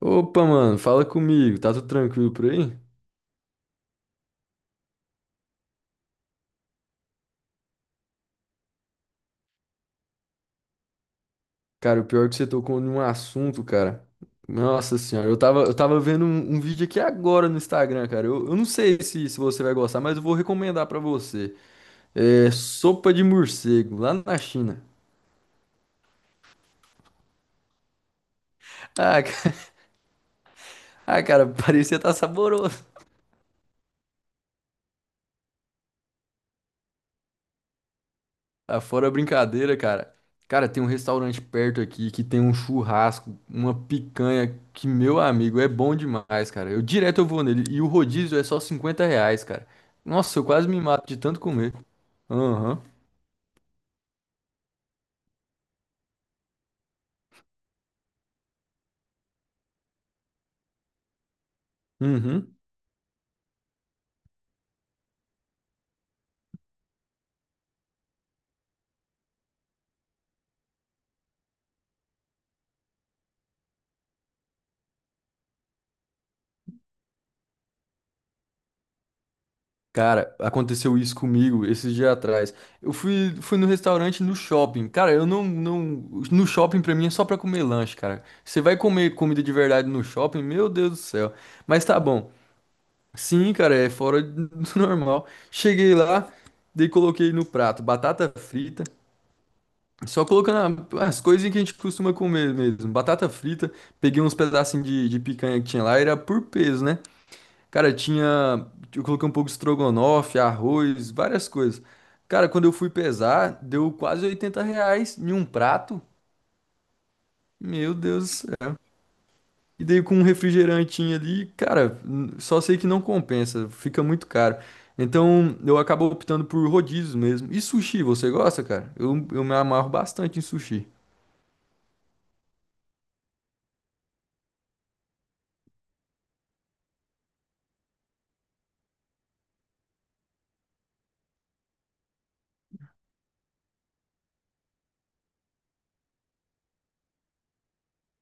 Opa, mano, fala comigo, tá tudo tranquilo por aí? Cara, o pior é que você tocou num assunto, cara. Nossa senhora, eu tava vendo um vídeo aqui agora no Instagram, cara. Eu não sei se você vai gostar, mas eu vou recomendar pra você. É sopa de morcego, lá na China. Ah, ca- ah, cara, parecia estar tá saboroso. Ah, fora a brincadeira, cara. Cara, tem um restaurante perto aqui que tem um churrasco, uma picanha que, meu amigo, é bom demais, cara. Eu direto eu vou nele. E o rodízio é só R$ 50, cara. Nossa, eu quase me mato de tanto comer. Aham. Uhum. Cara, aconteceu isso comigo esses dias atrás. Eu fui no restaurante no shopping. Cara, eu não. No shopping pra mim é só pra comer lanche, cara. Você vai comer comida de verdade no shopping? Meu Deus do céu. Mas tá bom. Sim, cara, é fora do normal. Cheguei lá, daí coloquei no prato batata frita, só colocando a- as coisinhas que a gente costuma comer mesmo. Batata frita, peguei uns pedacinhos de picanha que tinha lá, era por peso, né? Cara, tinha. Eu coloquei um pouco de estrogonofe, arroz, várias coisas. Cara, quando eu fui pesar, deu quase R$ 80 em um prato. Meu Deus. E daí com um refrigerantinho ali, cara, n- só sei que não compensa, fica muito caro. Então eu acabo optando por rodízios mesmo. E sushi, você gosta, cara? Eu me amarro bastante em sushi.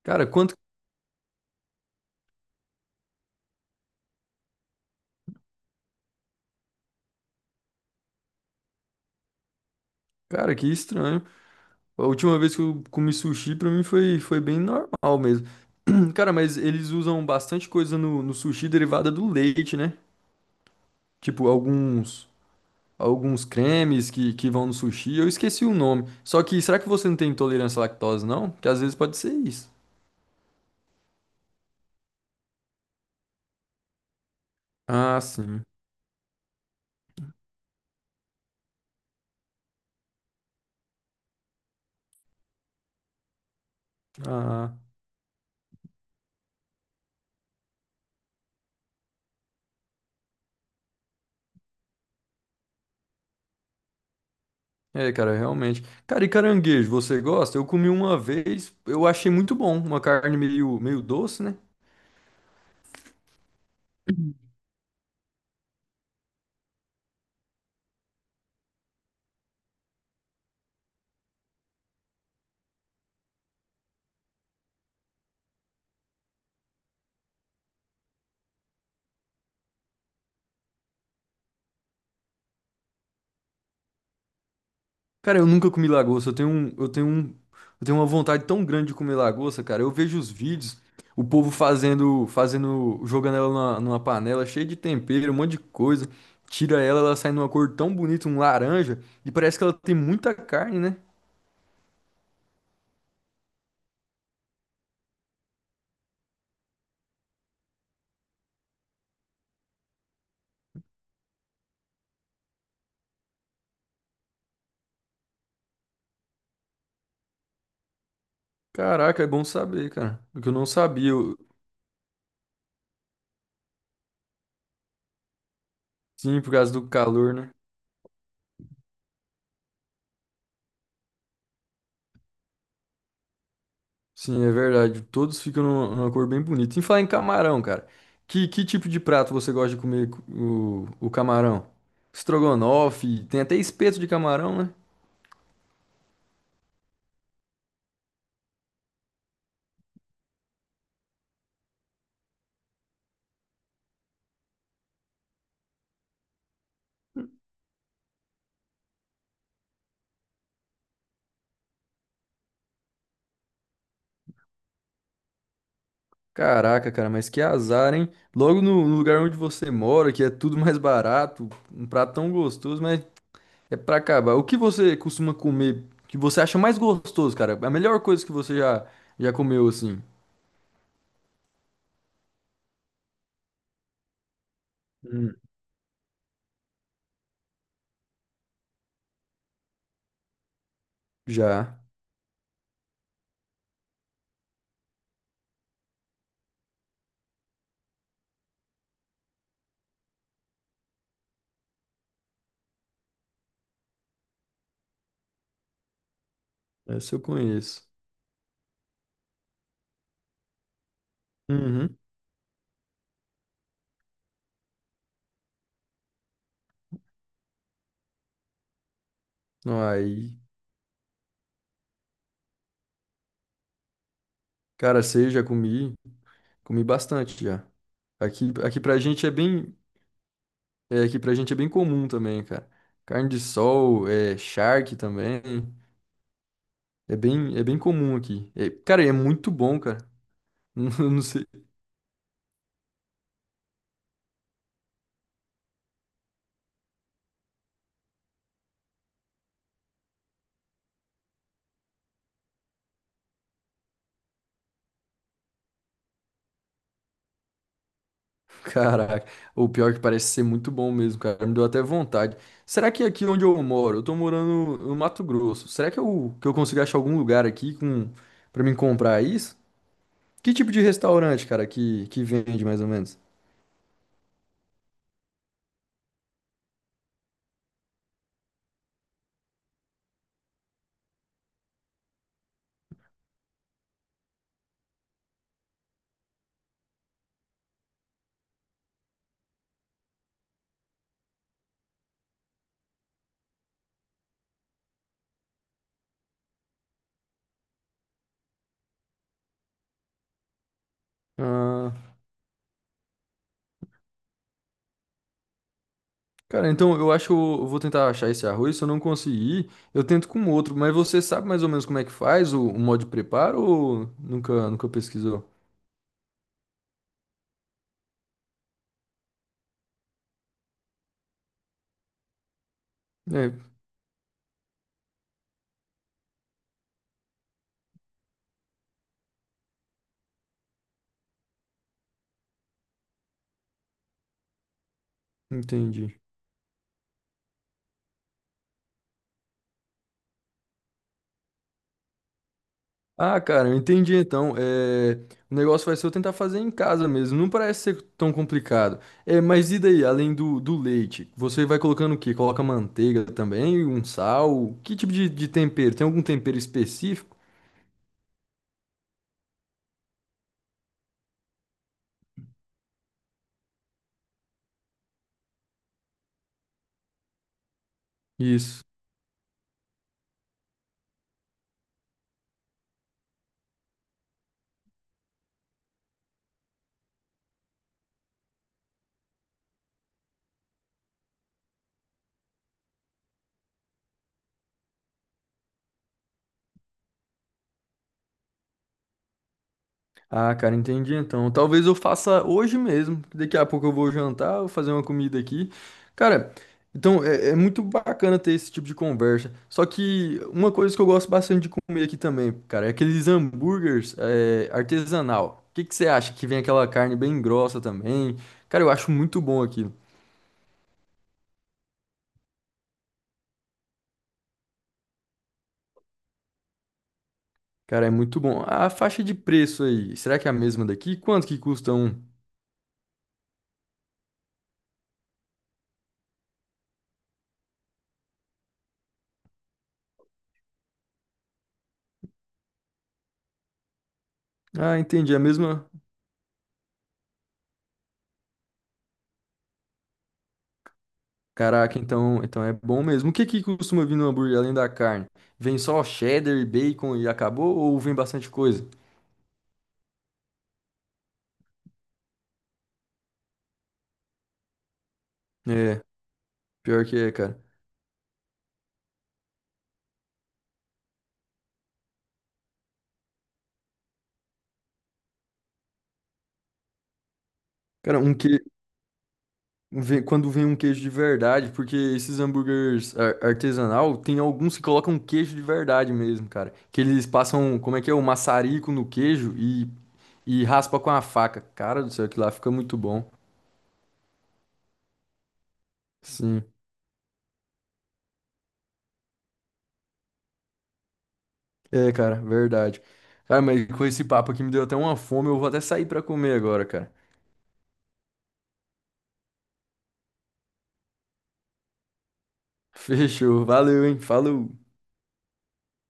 Cara, quanto. Cara, que estranho. A última vez que eu comi sushi, pra mim foi bem normal mesmo. Cara, mas eles usam bastante coisa no sushi derivada do leite, né? Tipo, alguns. Alguns cremes que vão no sushi, eu esqueci o nome. Só que será que você não tem intolerância à lactose, não? Que às vezes pode ser isso. Ah, sim. Ah, é, cara, realmente. Cara, e caranguejo, você gosta? Eu comi uma vez, eu achei muito bom, uma carne meio, meio doce, né? Cara, eu nunca comi lagosta, eu tenho uma vontade tão grande de comer lagosta, cara. Eu vejo os vídeos, o povo fazendo, jogando ela numa panela cheia de tempero, um monte de coisa. Tira ela, ela sai numa cor tão bonita, um laranja, e parece que ela tem muita carne, né? Caraca, é bom saber, cara. Porque eu não sabia, eu- sim, por causa do calor, né? Sim, é verdade. Todos ficam numa numa cor bem bonita. Em falar em camarão, cara, que tipo de prato você gosta de comer co- o camarão? Estrogonofe, tem até espeto de camarão, né? Caraca, cara, mas que azar, hein? Logo no lugar onde você mora, que é tudo mais barato, um prato tão gostoso, mas é pra acabar. O que você costuma comer que você acha mais gostoso, cara? A melhor coisa que você já comeu, assim? Hum, já. Essa eu conheço. Uhum. Não, Aí, cara, sei, já comi. Comi bastante já. Aqui, aqui pra gente é bem, é, aqui pra gente é bem comum também, cara. Carne de sol, é, charque também. É bem comum aqui. É, cara, e é muito bom, cara. Não, não sei. Caraca. O pior é que parece ser muito bom mesmo, cara. Me deu até vontade. Será que aqui onde eu moro, eu tô morando no Mato Grosso, será que eu consigo achar algum lugar aqui com, pra mim comprar isso? Que tipo de restaurante, cara, que vende mais ou menos? Cara, então eu acho que eu vou tentar achar esse arroz. Se eu não conseguir, eu tento com outro. Mas você sabe mais ou menos como é que faz o modo de preparo ou nunca pesquisou? É, entendi. Ah, cara, eu entendi então. É, o negócio vai ser eu tentar fazer em casa mesmo. Não parece ser tão complicado. É, mas e daí, além do leite? Você vai colocando o quê? Coloca manteiga também, um sal? Que tipo de tempero? Tem algum tempero específico? Isso. Ah, cara, entendi então. Talvez eu faça hoje mesmo. Que Daqui a pouco eu vou jantar, vou fazer uma comida aqui. Cara, então é, é muito bacana ter esse tipo de conversa. Só que uma coisa que eu gosto bastante de comer aqui também, cara, é aqueles hambúrgueres é, artesanal. O que que você acha? Que vem aquela carne bem grossa também. Cara, eu acho muito bom aquilo. Cara, é muito bom. A faixa de preço aí, será que é a mesma daqui? Quanto que custa um? Ah, entendi. É a mesma. Caraca, então, então é bom mesmo. O que que costuma vir no hambúrguer além da carne? Vem só cheddar, bacon e acabou? Ou vem bastante coisa? É, pior que é, cara. Cara, um que... vem- quando vem um queijo de verdade, porque esses hambúrgueres ar- artesanal, tem alguns que colocam queijo de verdade mesmo, cara. Que eles passam, como é que é, o maçarico no queijo e raspa com a faca. Cara do céu, aquilo lá fica muito bom. Sim. É, cara, verdade. Cara, mas com esse papo aqui me deu até uma fome, eu vou até sair pra comer agora, cara. Fechou. Valeu, hein? Falou.